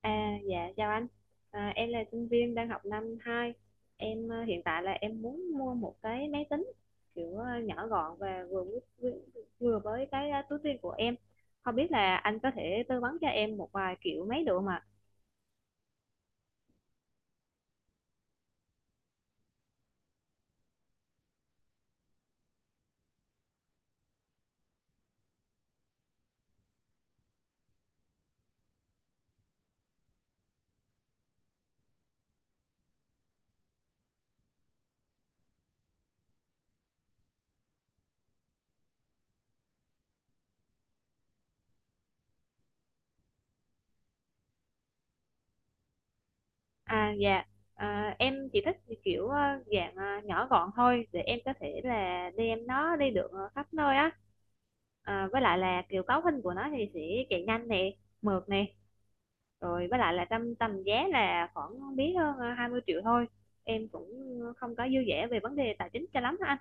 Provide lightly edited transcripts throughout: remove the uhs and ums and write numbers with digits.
À, dạ chào anh. Em là sinh viên đang học 2. Em hiện tại là em muốn mua một cái máy tính kiểu nhỏ gọn và vừa với cái túi tiền của em. Không biết là anh có thể tư vấn cho em một vài kiểu máy được không ạ? À dạ. Em chỉ thích kiểu dạng nhỏ gọn thôi để em có thể là đem nó đi được khắp nơi á. À, với lại là kiểu cấu hình của nó thì sẽ chạy nhanh nè, mượt nè. Rồi với lại là tầm tầm giá là khoảng không biết hơn 20 triệu thôi. Em cũng không có dư dả về vấn đề tài chính cho lắm hả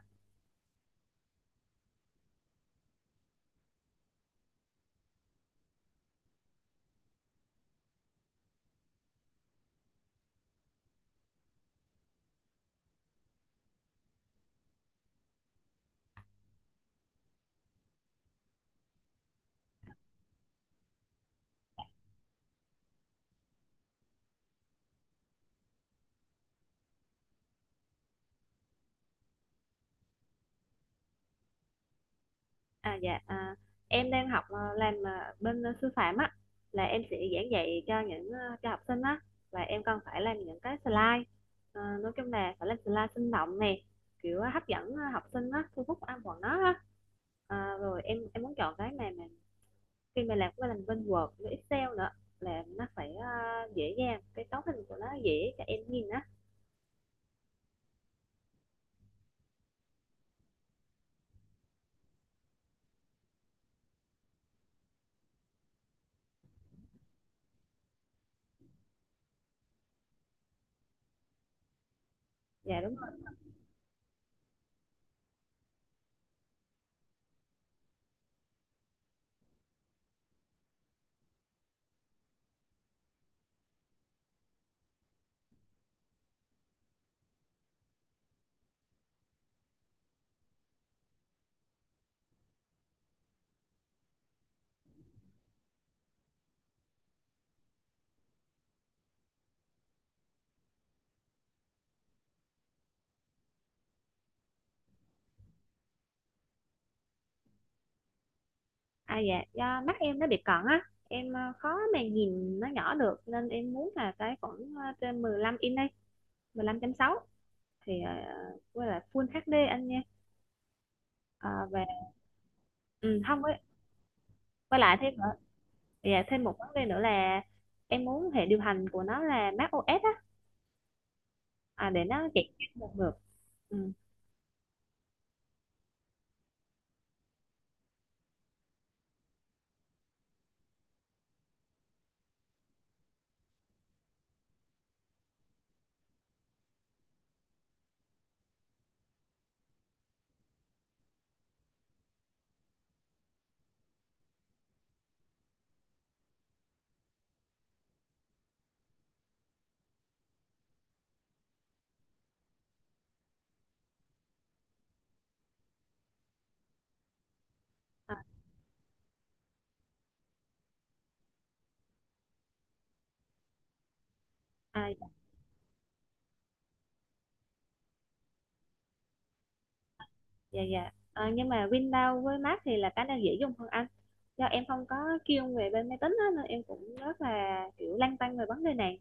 anh. Em đang học làm bên sư phạm á, là em sẽ giảng dạy cho những cho học sinh á, và em cần phải làm những cái slide. Nói chung là phải làm slide sinh động nè, kiểu hấp dẫn học sinh á, thu hút ăn bọn nó á. Rồi em muốn chọn cái này mà. Khi mà làm cái mình bên Word với Excel nữa là nó phải, dễ dàng, cái cấu hình của nó dễ cho em nhìn á. Dạ đúng rồi. À, dạ, do mắt em nó bị cận á, em, khó mà nhìn nó nhỏ được nên em muốn là cái khoảng, trên 15 inch đi, 15.6 thì, à, với lại Full HD anh nha. Ờ, và hông. Với lại thêm nữa, dạ, thêm một vấn đề nữa là em muốn hệ điều hành của nó là macOS á, à, để nó chạy trên một lượt. Ừ. à, à, dạ dạ. Ờ, nhưng mà Windows với Mac thì là cái nào dễ dùng hơn anh? Do em không có kiêng về bên máy tính á, nên em cũng rất là kiểu lăn tăn về vấn đề này.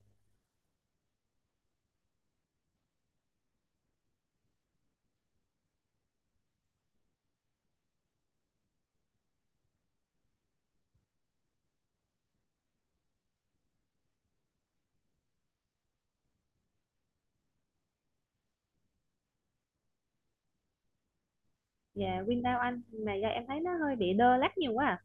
Dạ Windows anh, mà do em thấy nó hơi bị đơ lắc nhiều quá à.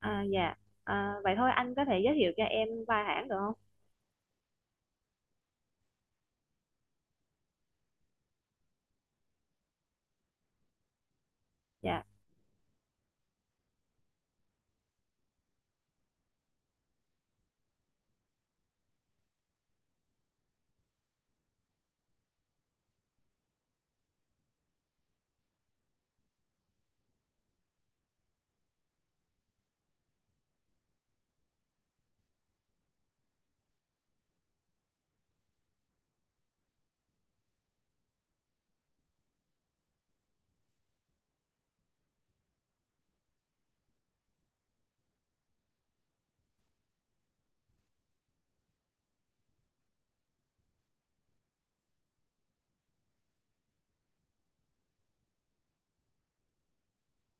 À, dạ. Ờ, vậy thôi anh có thể giới thiệu cho em vài hãng được không? Dạ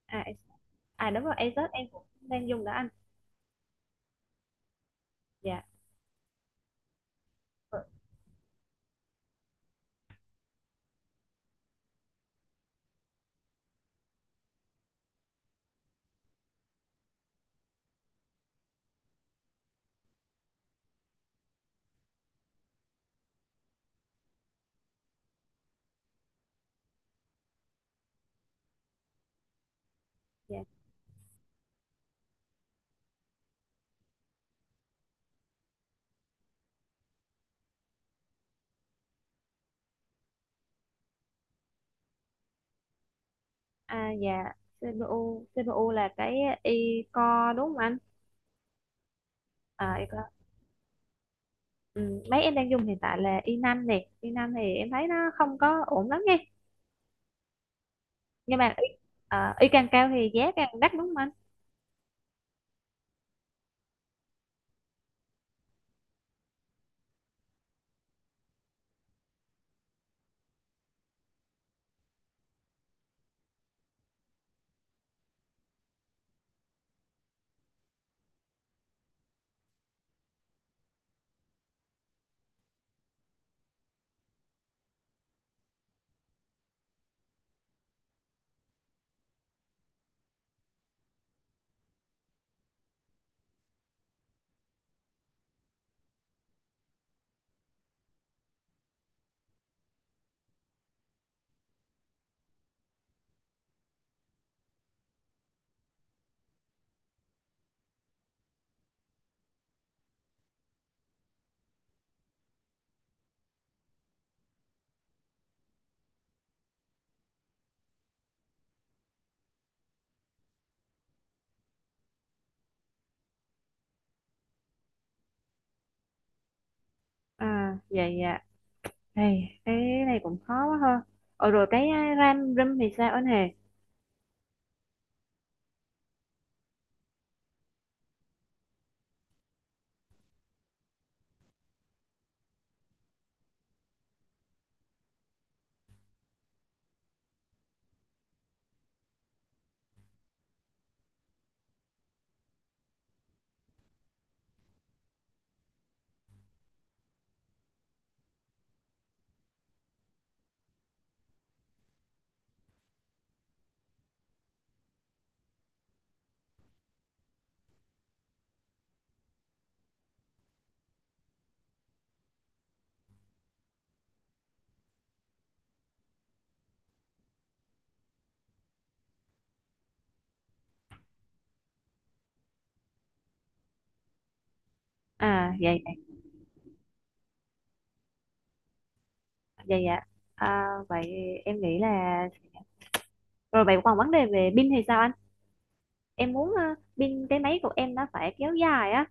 à, em- à đúng rồi, Asus em cũng đang dùng đó anh. Dạ. Ờ, dạ. à dạ. CPU, CPU, là cái i-core đúng không anh? À, i-core. Ừ, mấy em đang dùng hiện tại là i năm này, i năm thì em thấy nó không có ổn lắm nha. Nhưng mà ý, ờ, Ý càng cao thì giá càng đắt đúng không anh? À vậy dạ, này cái này cũng khó quá ha. Ờ rồi cái ram rum thì sao anh hề? À vậy vậy, dạ dạ. À, vậy em nghĩ là. Rồi vậy còn vấn đề về pin thì sao anh? Em muốn pin cái máy của em nó phải kéo dài á,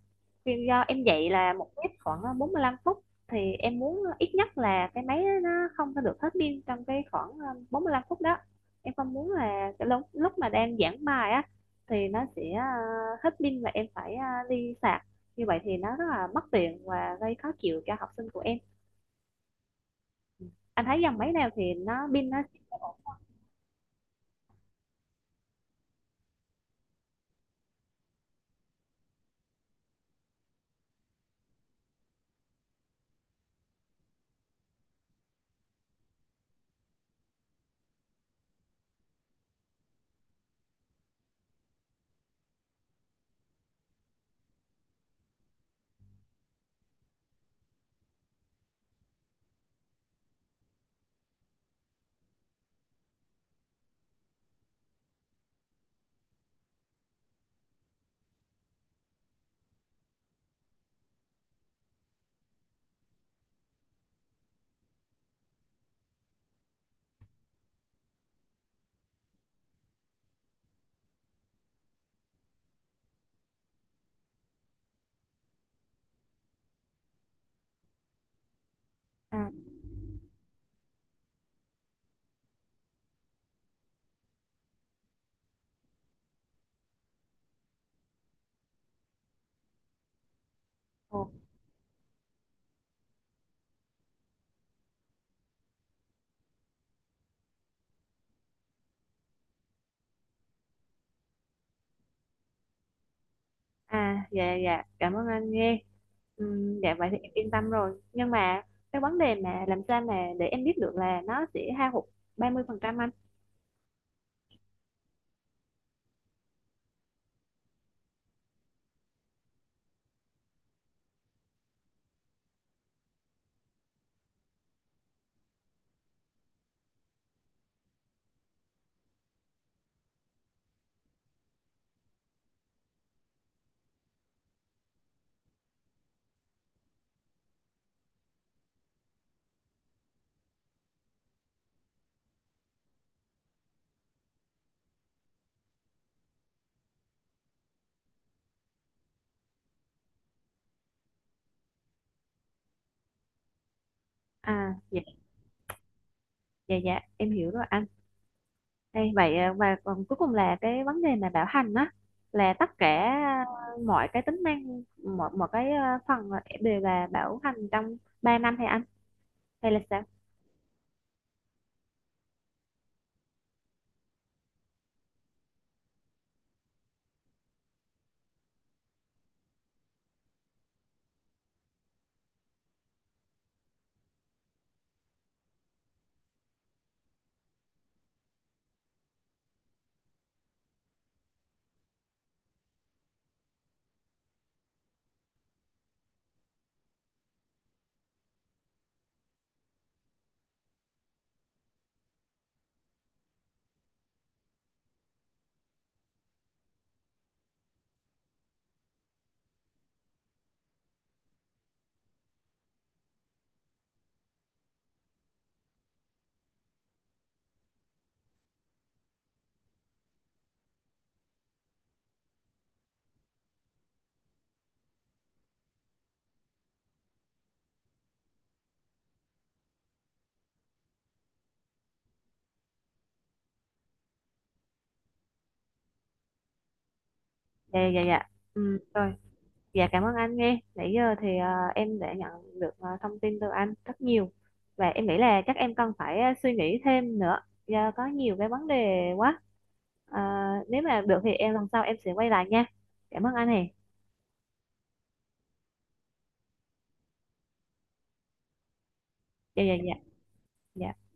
vì do em dạy là một tiết khoảng 45 phút thì em muốn ít nhất là cái máy nó không có được hết pin trong cái khoảng 45 phút đó. Em không muốn là cái lúc lúc mà đang giảng bài á thì nó sẽ hết pin và em phải đi sạc, như vậy thì nó rất là mất tiền và gây khó chịu cho học sinh của em. Anh thấy dòng máy nào thì nó pin nó sẽ. À, à, dạ dạ, cảm ơn anh nghe. Dạ vậy thì em yên tâm rồi. Nhưng mà cái vấn đề mà làm sao mà để em biết được là nó sẽ hao hụt 30% anh? À, dạ dạ dạ, em hiểu rồi anh. Đây, vậy à, và còn cuối cùng là cái vấn đề mà bảo hành á, là tất cả mọi cái tính năng, mọi mọi cái phần đều là bảo hành trong 3 năm hay anh, hay là sao? Dạ dạ dạ. Ừ, rồi. Dạ cảm ơn anh nghe. Nãy giờ thì em đã nhận được thông tin từ anh rất nhiều, và em nghĩ là chắc em cần phải suy nghĩ thêm nữa do có nhiều cái vấn đề quá. À, nếu mà được thì em lần sau em sẽ quay lại nha. Cảm ơn anh hè. Dạ dạ dạ. Dạ.